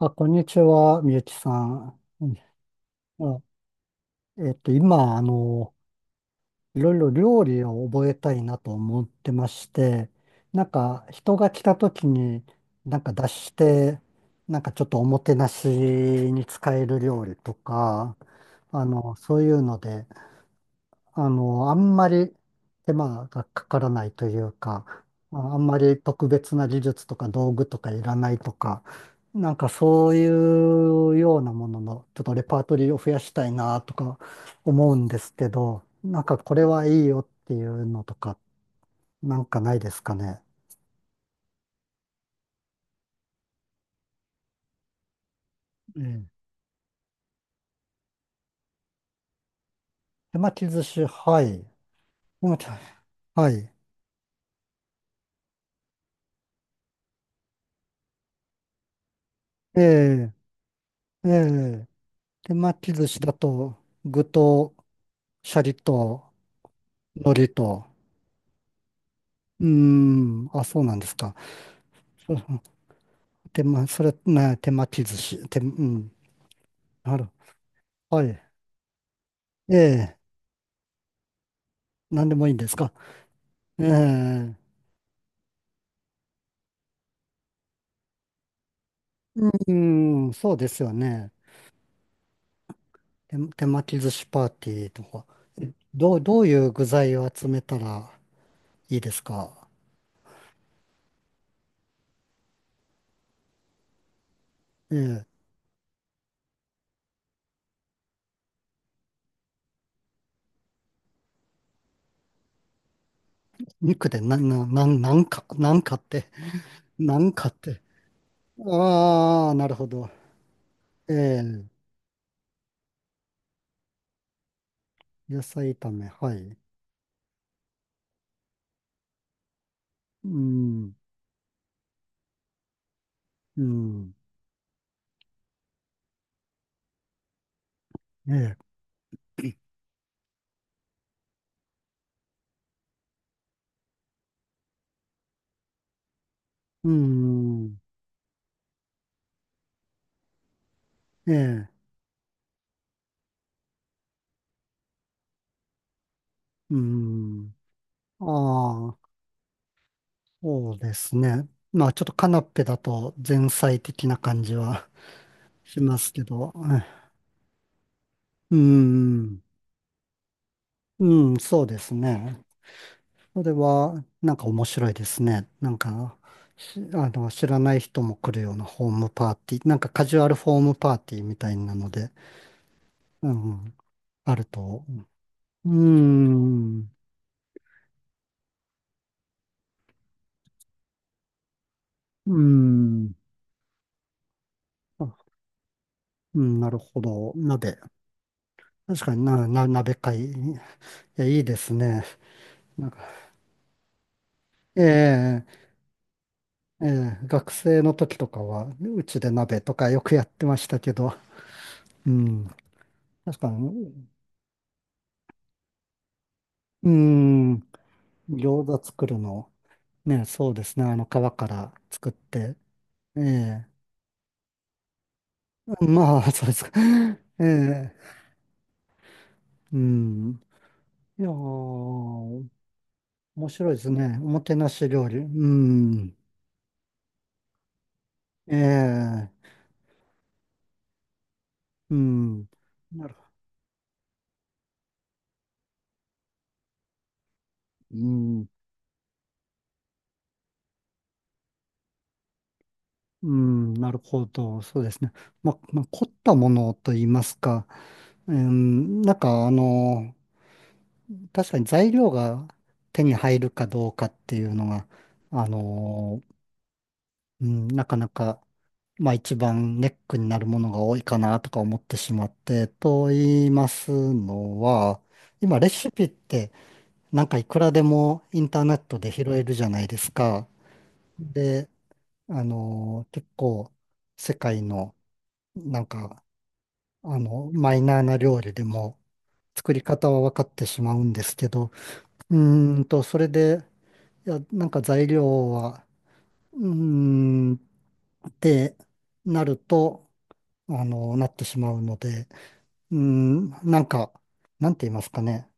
あ、こんにちは、みゆきさん。うんあ、えっと、今、あの、いろいろ料理を覚えたいなと思ってまして、なんか、人が来た時に、なんか出して、なんかちょっとおもてなしに使える料理とか、そういうので、あんまり手間がかからないというか、あんまり特別な技術とか道具とかいらないとか、なんかそういうようなものの、ちょっとレパートリーを増やしたいなとか思うんですけど、なんかこれはいいよっていうのとか、なんかないですかね。ええ。手巻き寿司、はい。手巻き、はい。ええ、ええ。手巻き寿司だと、具と、シャリと、海苔と、うーん、あ、そうなんですか。そう、手間、それ、ね、手巻き寿司。手、うん、なる。はい。ええ、なんでもいいんですか。ええ、うん、そうですよね。手、手巻き寿司パーティーとか。えどう、どういう具材を集めたらいいですか。ええ、肉で、なんか、なんかって、なんかって。ああ、なるほど。ええ、野菜炒め、はい。うん、うん、ええ。うーん。ええ。うーん。ああ、そうですね。まあ、ちょっとカナッペだと前菜的な感じはしますけど。うん。うん、そうですね。それは、なんか面白いですね。あの、知らない人も来るようなホームパーティー、なんかカジュアルホームパーティーみたいなので、うん、あると。うん。うん。あ、うん、なるほど。鍋。確かに、鍋会。いや、いいですね。なんか、ええ、ええ、学生の時とかは、うちで鍋とかよくやってましたけど、うん。確かに、うん、餃子作るの、ね、そうですね。あの、皮から作って、ええ、まあ、そうですか。ええ、うん。いやー、面白いですね。おもてなし料理。うん。ええ、うん。なるほど。うん、うん、なるほど。そうですね。まあ、凝ったものと言いますか、うん、あの、確かに材料が手に入るかどうかっていうのが、あの、うん、なかなか、まあ一番ネックになるものが多いかなとか思ってしまって、と言いますのは、今レシピって、なんかいくらでもインターネットで拾えるじゃないですか。で、結構世界の、なんかマイナーな料理でも作り方は分かってしまうんですけど、うーんと、それで、いや、なんか材料は、うーん、ってなると、なってしまうので、うーん、なんか、なんて言いますかね。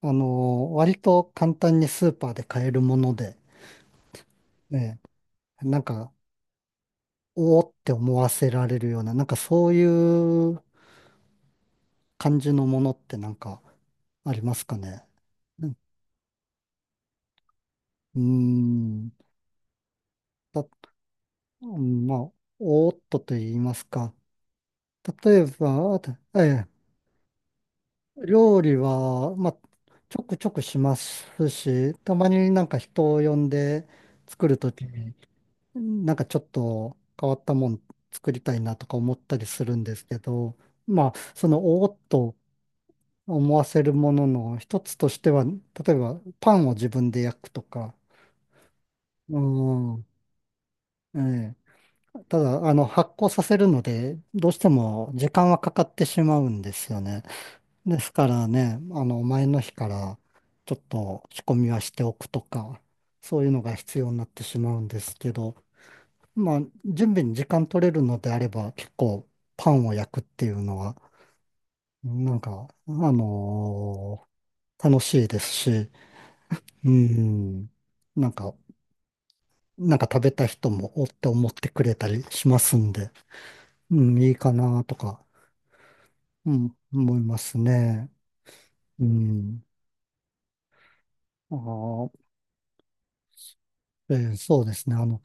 割と簡単にスーパーで買えるもので、ね、なんか、おおって思わせられるような、なんかそういう感じのものって、なんかありますかね。うん。うーんた、うん、まあ、おーっとと言いますか。例えば、あとええ、料理は、まあ、ちょくちょくしますし、たまになんか人を呼んで作るときに、なんかちょっと変わったもん作りたいなとか思ったりするんですけど、まあ、そのおーっと思わせるものの一つとしては、例えばパンを自分で焼くとか、うん、ええ、ただ、発酵させるので、どうしても時間はかかってしまうんですよね。ですからね、前の日からちょっと仕込みはしておくとか、そういうのが必要になってしまうんですけど、まあ、準備に時間取れるのであれば、結構パンを焼くっていうのは、なんか、あの楽しいですし、うん、なんか、なんか食べた人もおって思ってくれたりしますんで、うん、いいかなとか。うん、思いますね。うん。あー、えー、そうですね。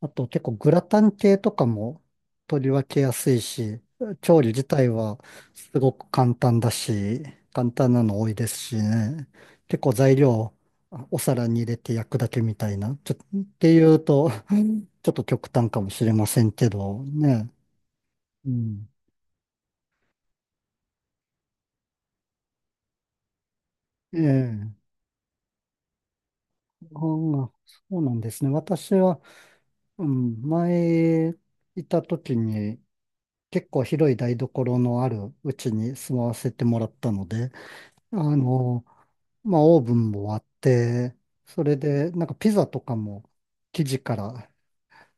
あと結構グラタン系とかも取り分けやすいし、調理自体はすごく簡単だし、簡単なの多いですしね。結構材料、あ、お皿に入れて焼くだけみたいな。っていうと、うん、ちょっと極端かもしれませんけどね。うん。ええ、ああ、そうなんですね。私は、うん、前いた時に、結構広い台所のあるうちに住まわせてもらったので、あの、まあ、オーブンもあって、それで、なんかピザとかも生地から、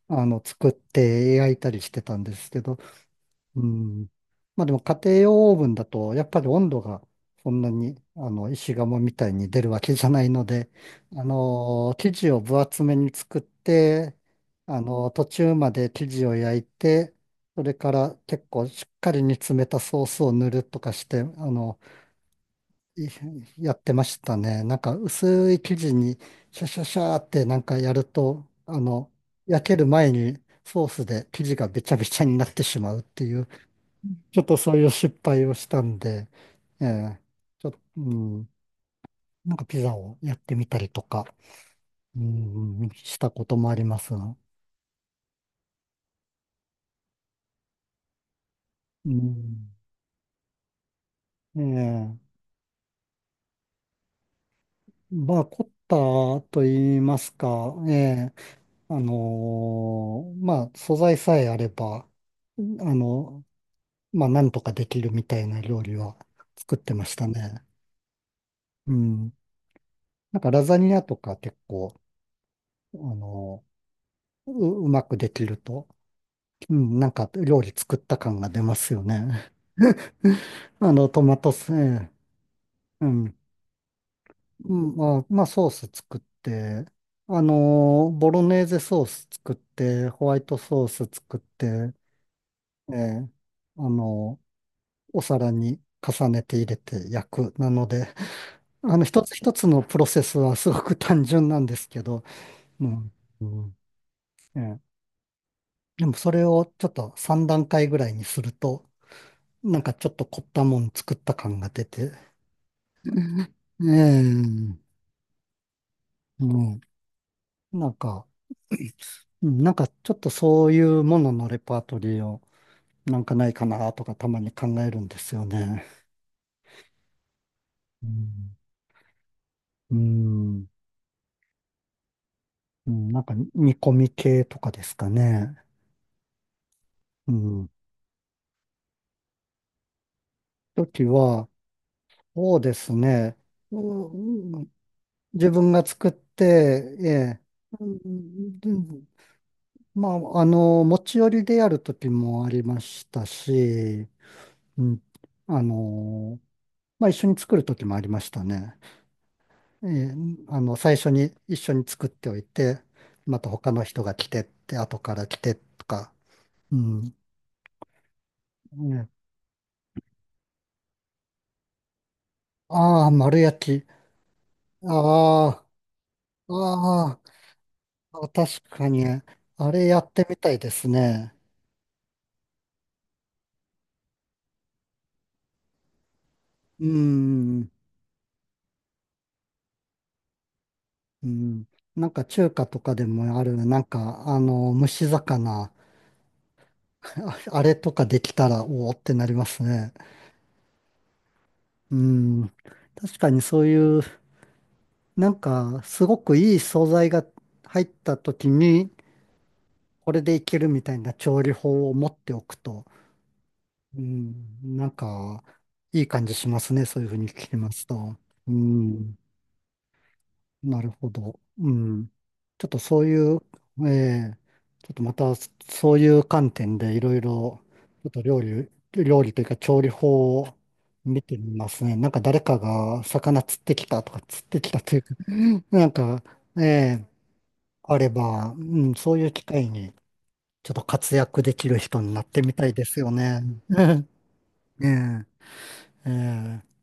作って焼いたりしてたんですけど、うん。まあでも家庭用オーブンだと、やっぱり温度がそんなに、石窯みたいに出るわけじゃないので、生地を分厚めに作って、途中まで生地を焼いて、それから結構しっかり煮詰めたソースを塗るとかして、いやってましたね。なんか薄い生地にシャシャシャーってなんかやると、焼ける前にソースで生地がべちゃべちゃになってしまうっていう、ちょっとそういう失敗をしたんで、ええ、ちょっと、うん、なんかピザをやってみたりとか、うん、うん、したこともありますが。うん、ええ、まあ、凝ったと言いますか、ええ、あのー、まあ、素材さえあれば、あの、まあ、なんとかできるみたいな料理は作ってましたね。うん。なんか、ラザニアとか結構、あの、う、うまくできると、うん、なんか料理作った感が出ますよね。あの、トマトス、ええ、うん。うん、まあ、まあ、ソース作って、ボロネーゼソース作って、ホワイトソース作って、ええ、あの、お皿に重ねて入れて焼く。なので、一つ一つのプロセスはすごく単純なんですけど、うん。うん、ええ、でもそれをちょっと3段階ぐらいにすると、なんかちょっと凝ったもん作った感が出て、うん、ええ、うん、なんか、うん、なんかちょっとそういうもののレパートリーをなんかないかなとかたまに考えるんですよね。うん、うん、うん、なんか煮込み系とかですかね。うん。時は、そうですね。うん、自分が作って、ええ、うん、まあ、持ち寄りでやる時もありましたし、うん、あの、まあ、一緒に作る時もありましたね。えー、あの、最初に一緒に作っておいて、また他の人が来てって、後から来てとか、うん。ね、ああ、丸焼き。ああ、ああ、確かに、あれやってみたいですね。うん、うん。なんか中華とかでもある、なんか、蒸し魚。あ、あれとかできたら、おおってなりますね。うん。確かにそういう、なんか、すごくいい素材が入った時に、これでいけるみたいな調理法を持っておくと、うん、なんか、いい感じしますね。そういうふうに聞きますと。うん。なるほど。うん。ちょっとそういう、ええ、ちょっとまたそういう観点でいろいろ、ちょっと料理、料理というか調理法を見てみますね。なんか誰かが魚釣ってきたとか、釣ってきたというか、なんか、ええ、あれば、うん、そういう機会にちょっと活躍できる人になってみたいですよね。うん、えええ